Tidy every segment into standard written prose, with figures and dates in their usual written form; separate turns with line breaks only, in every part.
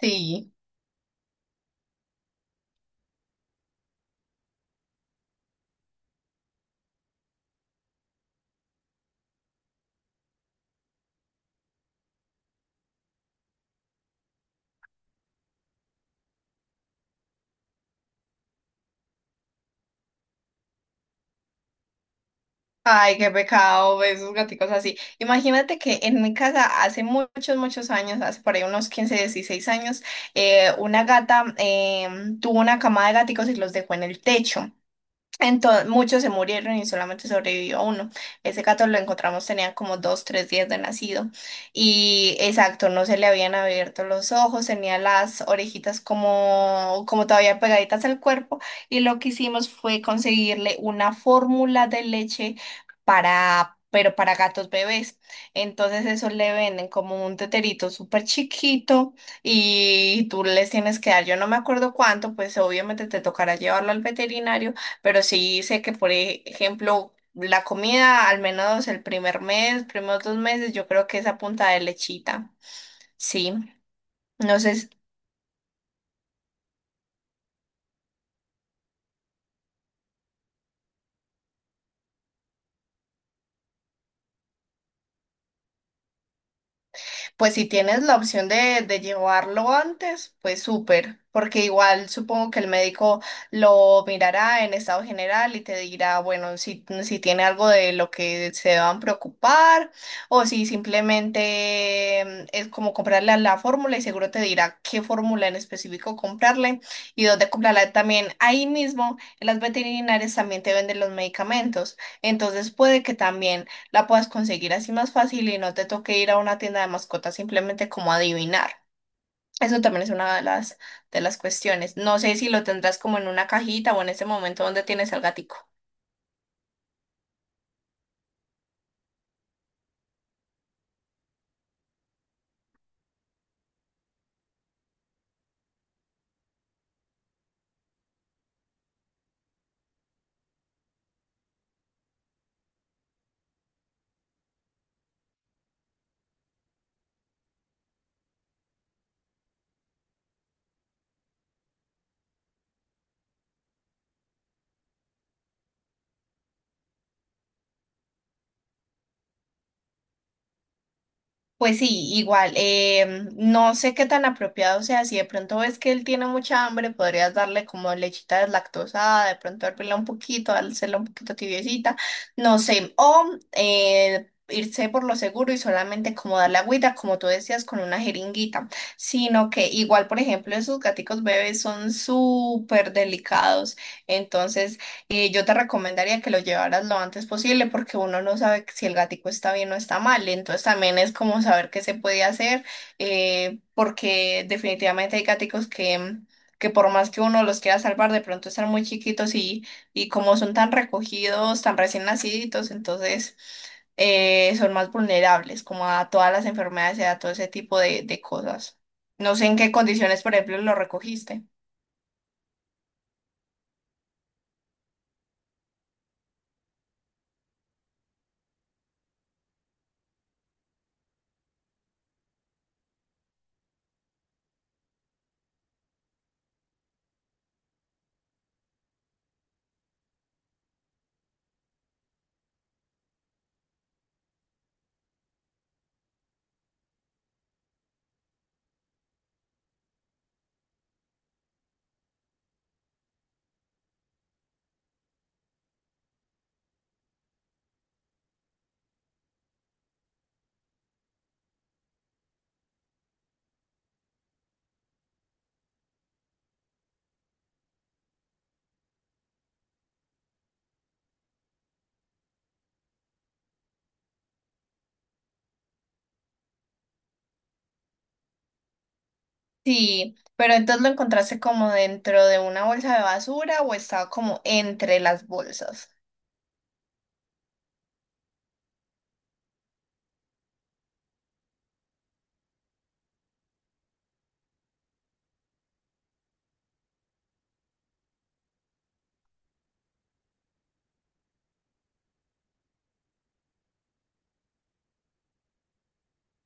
Sí, ay, qué pecado ver esos gaticos así. Imagínate que en mi casa hace muchos, muchos años, hace por ahí unos 15, 16 años, una gata tuvo una camada de gaticos y los dejó en el techo. Entonces, muchos se murieron y solamente sobrevivió uno. Ese gato lo encontramos, tenía como 2, 3 días de nacido. Y exacto, no se le habían abierto los ojos, tenía las orejitas como, como todavía pegaditas al cuerpo. Y lo que hicimos fue conseguirle una fórmula de leche para, pero para gatos bebés. Entonces, eso le venden como un teterito súper chiquito y tú les tienes que dar, yo no me acuerdo cuánto, pues obviamente te tocará llevarlo al veterinario, pero sí sé que, por ejemplo, la comida, al menos el primer mes, primeros dos meses, yo creo que es a punta de lechita. Sí. No sé. Pues si tienes la opción de llevarlo antes, pues súper, porque igual supongo que el médico lo mirará en estado general y te dirá, bueno, si, si tiene algo de lo que se deban preocupar o si simplemente es como comprarle a la fórmula y seguro te dirá qué fórmula en específico comprarle y dónde comprarla también. Ahí mismo, en las veterinarias también te venden los medicamentos, entonces puede que también la puedas conseguir así más fácil y no te toque ir a una tienda de mascotas simplemente como adivinar. Eso también es una de las cuestiones. No sé si lo tendrás como en una cajita o en ese momento donde tienes al gatico. Pues sí, igual, no sé qué tan apropiado sea, si de pronto ves que él tiene mucha hambre, podrías darle como lechita deslactosada, de pronto hervirla un poquito, dársela un poquito tibiecita, no sé, o irse por lo seguro y solamente como darle agüita, como tú decías, con una jeringuita, sino que igual, por ejemplo, esos gaticos bebés son súper delicados, entonces yo te recomendaría que lo llevaras lo antes posible porque uno no sabe si el gatico está bien o está mal. Entonces también es como saber qué se puede hacer, porque definitivamente hay gaticos que, que por más que uno los quiera salvar, de pronto están muy chiquitos y como son tan recogidos, tan recién naciditos, entonces son más vulnerables como a todas las enfermedades y a todo ese tipo de cosas. No sé en qué condiciones, por ejemplo, lo recogiste. Sí, pero entonces lo encontraste como dentro de una bolsa de basura o estaba como entre las bolsas.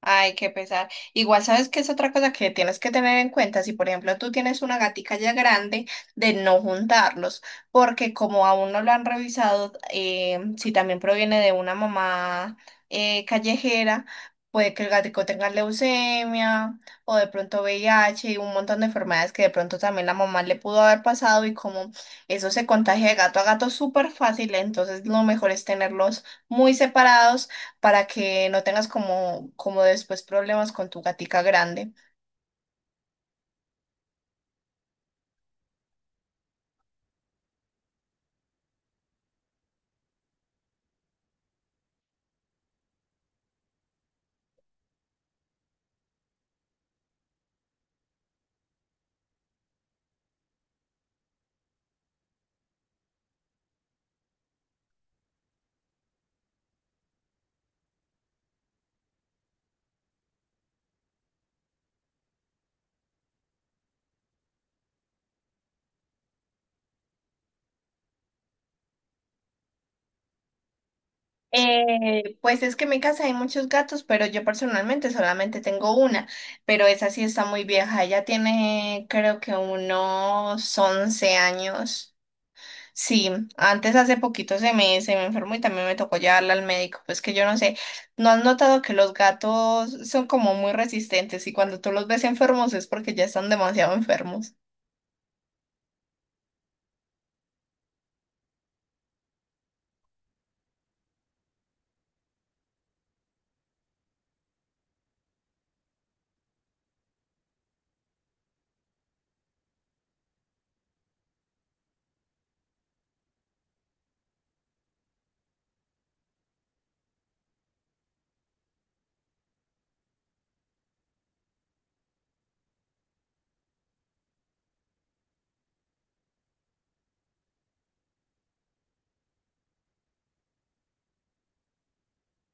Ay, qué pesar. Igual sabes que es otra cosa que tienes que tener en cuenta. Si, por ejemplo, tú tienes una gatica ya grande, de no juntarlos, porque como aún no lo han revisado, si también proviene de una mamá callejera, puede que el gatico tenga leucemia o de pronto VIH y un montón de enfermedades que de pronto también la mamá le pudo haber pasado y como eso se contagia de gato a gato súper fácil, entonces lo mejor es tenerlos muy separados para que no tengas como, como después problemas con tu gatica grande. Pues es que en mi casa hay muchos gatos, pero yo personalmente solamente tengo una, pero esa sí está muy vieja, ella tiene creo que unos 11 años. Sí, antes hace poquito se me enfermó y también me tocó llevarla al médico, pues que yo no sé, ¿no has notado que los gatos son como muy resistentes y cuando tú los ves enfermos es porque ya están demasiado enfermos?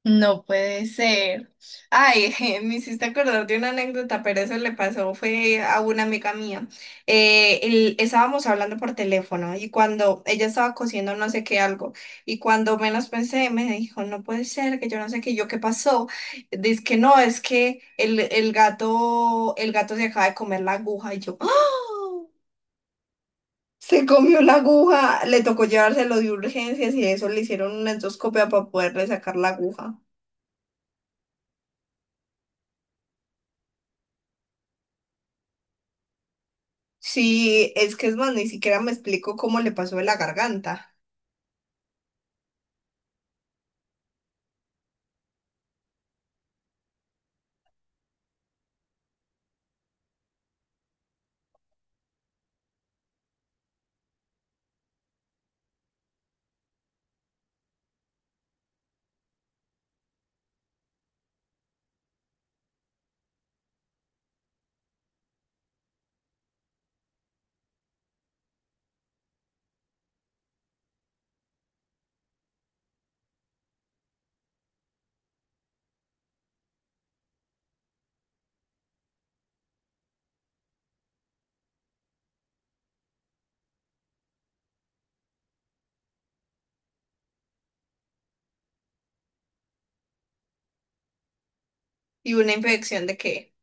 No puede ser. Ay, me hiciste acordar de una anécdota, pero eso le pasó, fue a una amiga mía. Estábamos hablando por teléfono y cuando ella estaba cosiendo no sé qué algo, y cuando menos pensé, me dijo, no puede ser, que yo no sé qué, y yo qué pasó. Dice que no, es que el gato, el gato se acaba de comer la aguja y yo, ¡ah! Se comió la aguja, le tocó llevárselo de urgencias y eso le hicieron una endoscopia para poderle sacar la aguja. Sí, es que es más, ni siquiera me explico cómo le pasó de la garganta. ¿Y una infección de qué?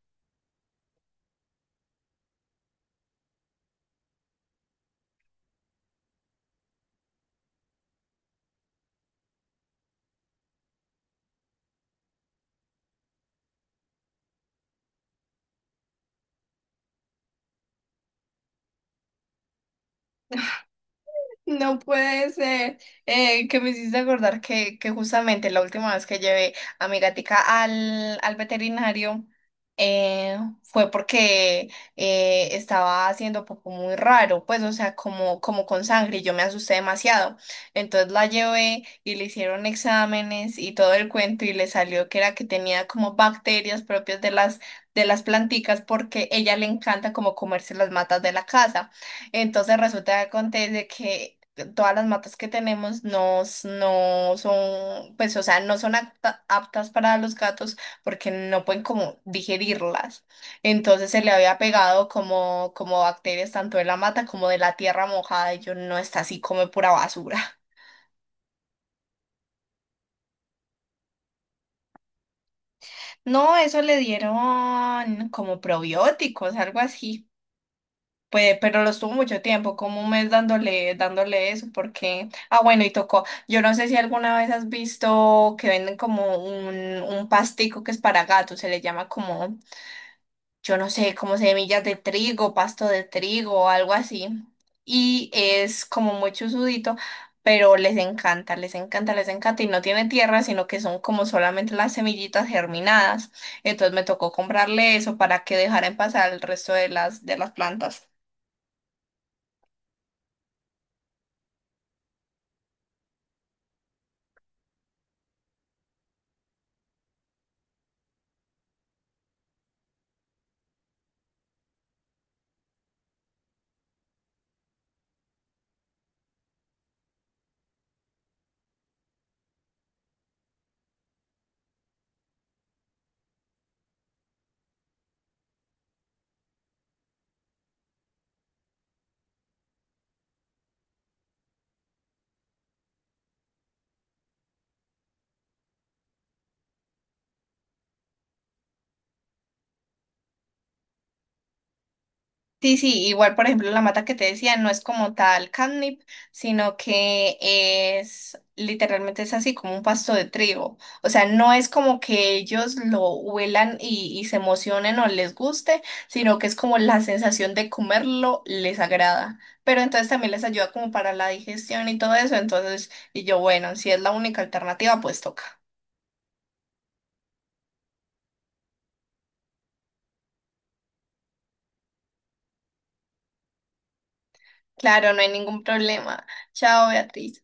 No puede ser, que me hiciste acordar que justamente la última vez que llevé a mi gatica al, al veterinario, eh, fue porque estaba haciendo poco muy raro, pues o sea, como, como con sangre y yo me asusté demasiado. Entonces la llevé y le hicieron exámenes y todo el cuento y le salió que era que tenía como bacterias propias de las planticas porque ella le encanta como comerse las matas de la casa. Entonces resulta que acontece que todas las matas que tenemos no, s- no son, pues, o sea, no son apta- aptas para los gatos porque no pueden como digerirlas. Entonces se le había pegado como, como bacterias tanto de la mata como de la tierra mojada y yo no está así, come pura basura. No, eso le dieron como probióticos, algo así. Pues, pero lo estuvo mucho tiempo, como un mes dándole, dándole eso, porque, ah, bueno, y tocó. Yo no sé si alguna vez has visto que venden como un pastico que es para gatos, se le llama como, yo no sé, como semillas de trigo, pasto de trigo o algo así. Y es como muy chusudito, pero les encanta, les encanta, les encanta. Y no tiene tierra, sino que son como solamente las semillitas germinadas. Entonces me tocó comprarle eso para que dejaran pasar el resto de las plantas. Sí, sí, igual por ejemplo la mata que te decía no es como tal catnip, sino que es literalmente es así como un pasto de trigo. O sea, no es como que ellos lo huelan y se emocionen o les guste, sino que es como la sensación de comerlo les agrada. Pero entonces también les ayuda como para la digestión y todo eso. Entonces, y yo, bueno, si es la única alternativa, pues toca. Claro, no hay ningún problema. Chao, Beatriz.